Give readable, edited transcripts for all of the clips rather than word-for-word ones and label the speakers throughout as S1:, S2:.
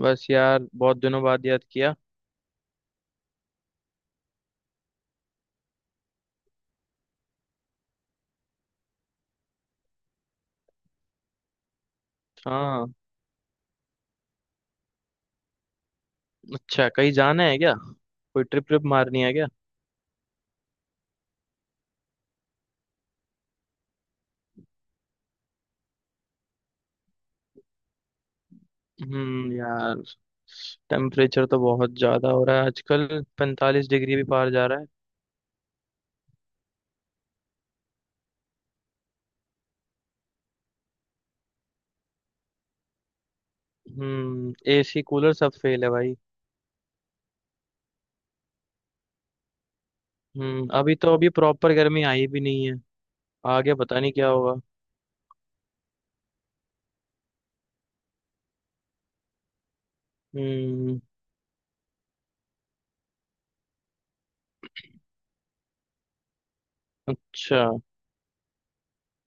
S1: बस यार बहुत दिनों बाद याद किया। हाँ। अच्छा कहीं जाना है क्या। कोई ट्रिप ट्रिप मारनी है क्या। यार, टेम्परेचर तो बहुत ज्यादा हो रहा है आजकल। पैंतालीस डिग्री भी पार जा रहा है। हम्म, एसी कूलर सब फेल है भाई। हम्म, अभी तो अभी प्रॉपर गर्मी आई भी नहीं है। आगे पता नहीं क्या होगा। हम्म। अच्छा,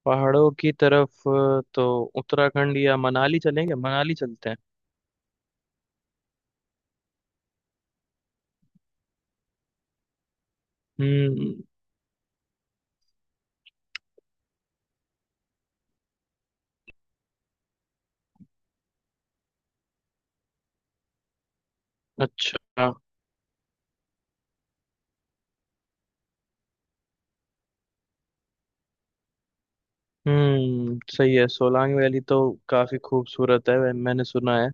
S1: पहाड़ों की तरफ तो उत्तराखंड या मनाली चलेंगे। मनाली चलते हैं। हम्म। अच्छा। सही है, सोलांग वैली तो काफी खूबसूरत है। मैंने सुना है।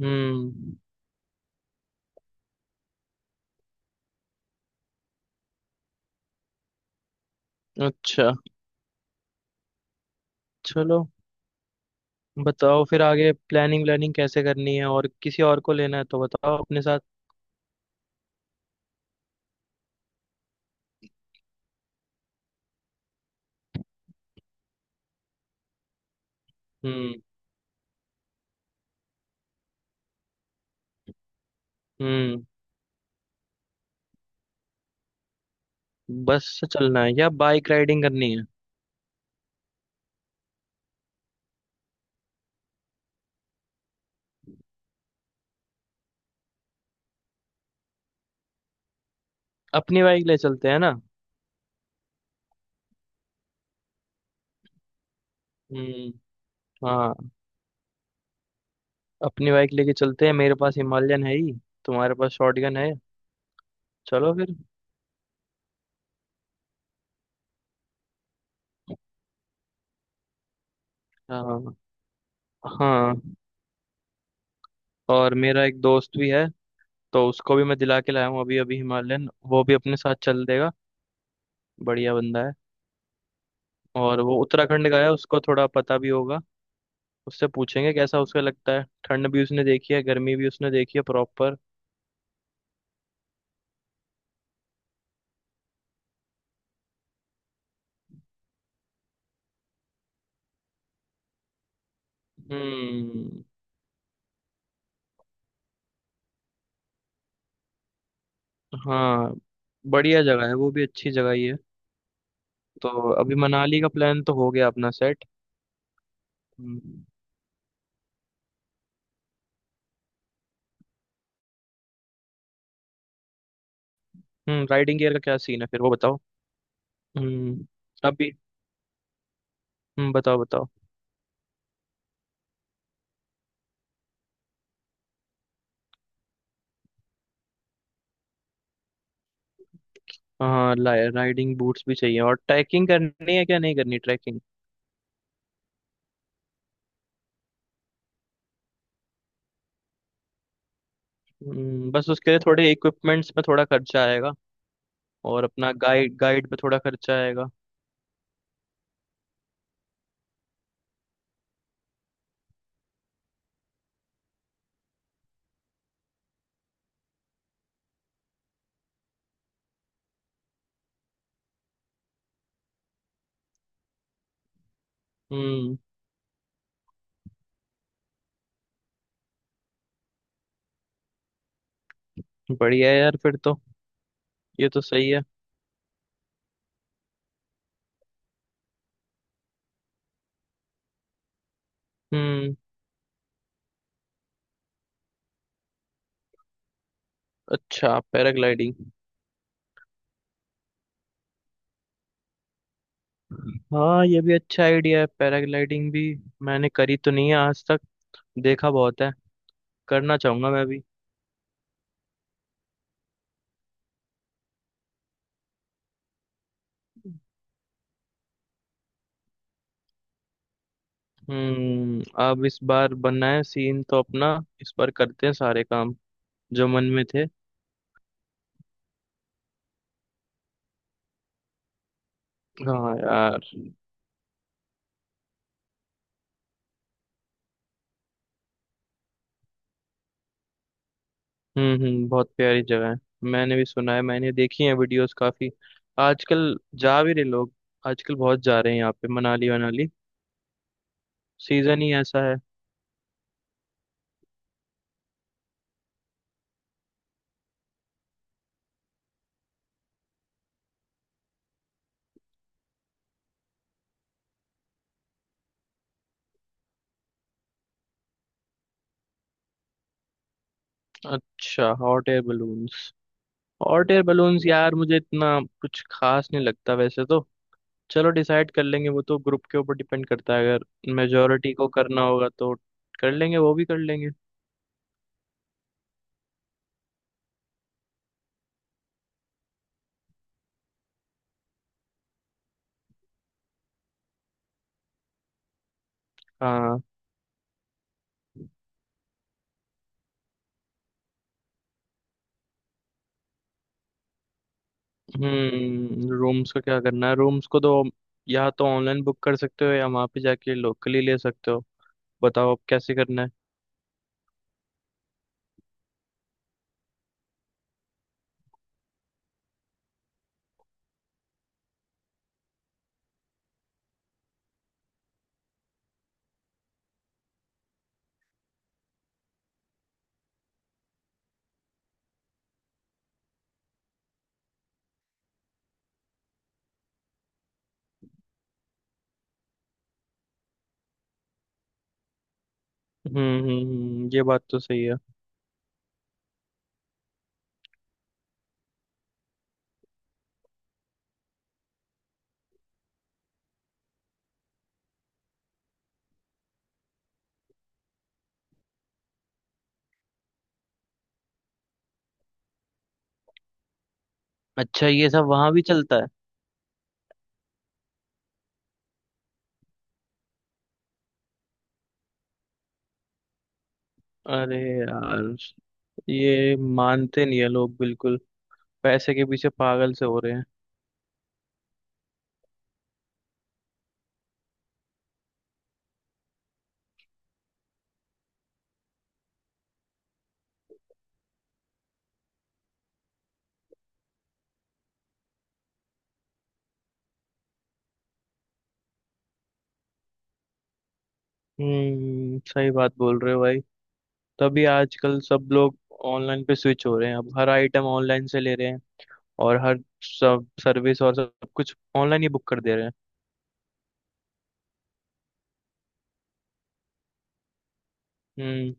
S1: हम्म। अच्छा। चलो, बताओ फिर आगे प्लानिंग व्लानिंग कैसे करनी है, और किसी और को लेना है तो बताओ अपने साथ। हम्म। हम्म। बस से चलना है या बाइक राइडिंग करनी है। अपनी बाइक ले चलते हैं ना। हम्म। हाँ, अपनी बाइक लेके चलते हैं। मेरे पास हिमालयन है ही, तुम्हारे पास शॉटगन है। चलो फिर। हाँ। हाँ, और मेरा एक दोस्त भी है, तो उसको भी मैं दिला के लाया हूँ अभी अभी हिमालयन, वो भी अपने साथ चल देगा। बढ़िया बंदा है। और वो उत्तराखंड का है, उसको थोड़ा पता भी होगा। उससे पूछेंगे कैसा उसका लगता है। ठंड भी उसने देखी है, गर्मी भी उसने देखी है प्रॉपर। हम्म। हाँ, बढ़िया जगह है वो भी, अच्छी जगह ही है। तो अभी मनाली का प्लान तो हो गया अपना सेट। हम्म। हम्म, राइडिंग गियर का क्या सीन है फिर वो बताओ। हम्म। अभी। हम्म, बताओ बताओ। हाँ, राइडिंग बूट्स भी चाहिए। और ट्रैकिंग करनी है क्या नहीं करनी। बस उसके लिए थोड़े इक्विपमेंट्स में थोड़ा खर्चा आएगा। और अपना गाइड गाइड पे थोड़ा खर्चा आएगा। हम्म, बढ़िया है यार फिर तो। ये तो सही है। हम्म। अच्छा, पैराग्लाइडिंग। हाँ, ये भी अच्छा आइडिया है पैराग्लाइडिंग भी। मैंने करी तो नहीं है आज तक, देखा बहुत है। करना चाहूंगा मैं भी। हम्म, अब इस बार बनना है सीन तो अपना। इस बार करते हैं सारे काम जो मन में थे। हाँ यार। हम्म। हम्म, बहुत प्यारी जगह है। मैंने भी सुना है, मैंने देखी है वीडियोस काफी। आजकल जा भी रहे लोग। आजकल बहुत जा रहे हैं यहाँ पे मनाली वनाली। सीजन ही ऐसा है। अच्छा, hot air balloons. Hot air balloons यार मुझे इतना कुछ खास नहीं लगता वैसे तो। चलो डिसाइड कर लेंगे, वो तो ग्रुप के ऊपर डिपेंड करता है। अगर मेजोरिटी को करना होगा तो कर लेंगे, वो भी कर लेंगे। हाँ। हम्म, रूम्स का क्या करना है। रूम्स को तो या तो ऑनलाइन बुक कर सकते हो, या वहाँ पे जाके लोकली ले सकते हो। बताओ अब कैसे करना है। ये बात तो सही है। अच्छा, ये सब वहां भी चलता है। अरे यार, ये मानते नहीं है लोग बिल्कुल। पैसे के पीछे पागल से हो रहे हैं। हम्म, सही बात बोल रहे हो भाई। तभी आजकल सब लोग ऑनलाइन पे स्विच हो रहे हैं। अब हर आइटम ऑनलाइन से ले रहे हैं। और हर सब सर्विस और सब सब कुछ ऑनलाइन ही बुक कर दे रहे हैं। हम्म।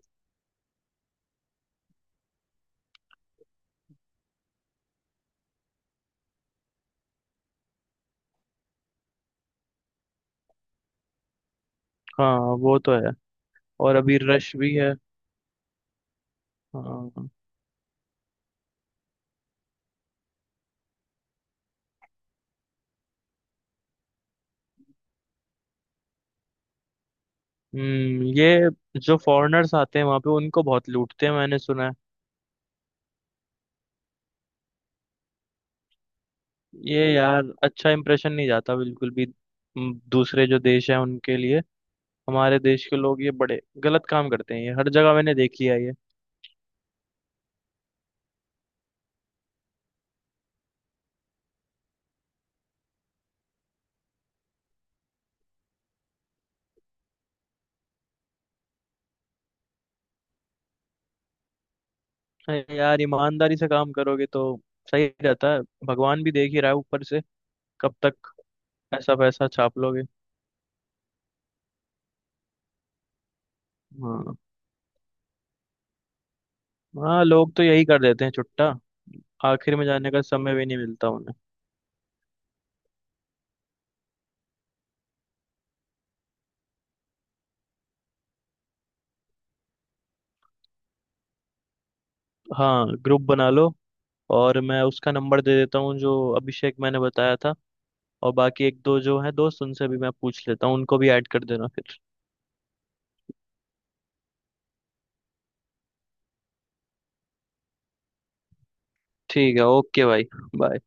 S1: हाँ वो तो है। और अभी रश भी है। हाँ। हम्म, ये जो फॉरेनर्स आते हैं वहां पे, उनको बहुत लूटते हैं मैंने सुना है। ये यार, अच्छा इंप्रेशन नहीं जाता बिल्कुल भी। दूसरे जो देश हैं उनके लिए हमारे देश के लोग ये बड़े गलत काम करते हैं। ये हर जगह मैंने देख लिया है ये। अरे यार, ईमानदारी से काम करोगे तो सही रहता है। भगवान भी देख ही रहा है ऊपर से, कब तक ऐसा पैसा छाप लोगे। हाँ। हाँ, लोग तो यही कर देते हैं छुट्टा। आखिर में जाने का समय भी नहीं मिलता उन्हें। हाँ, ग्रुप बना लो। और मैं उसका नंबर दे देता हूँ जो अभिषेक मैंने बताया था। और बाकी एक दो जो है दोस्त उनसे भी मैं पूछ लेता हूँ, उनको भी ऐड कर देना फिर। ठीक है, ओके भाई। बाय।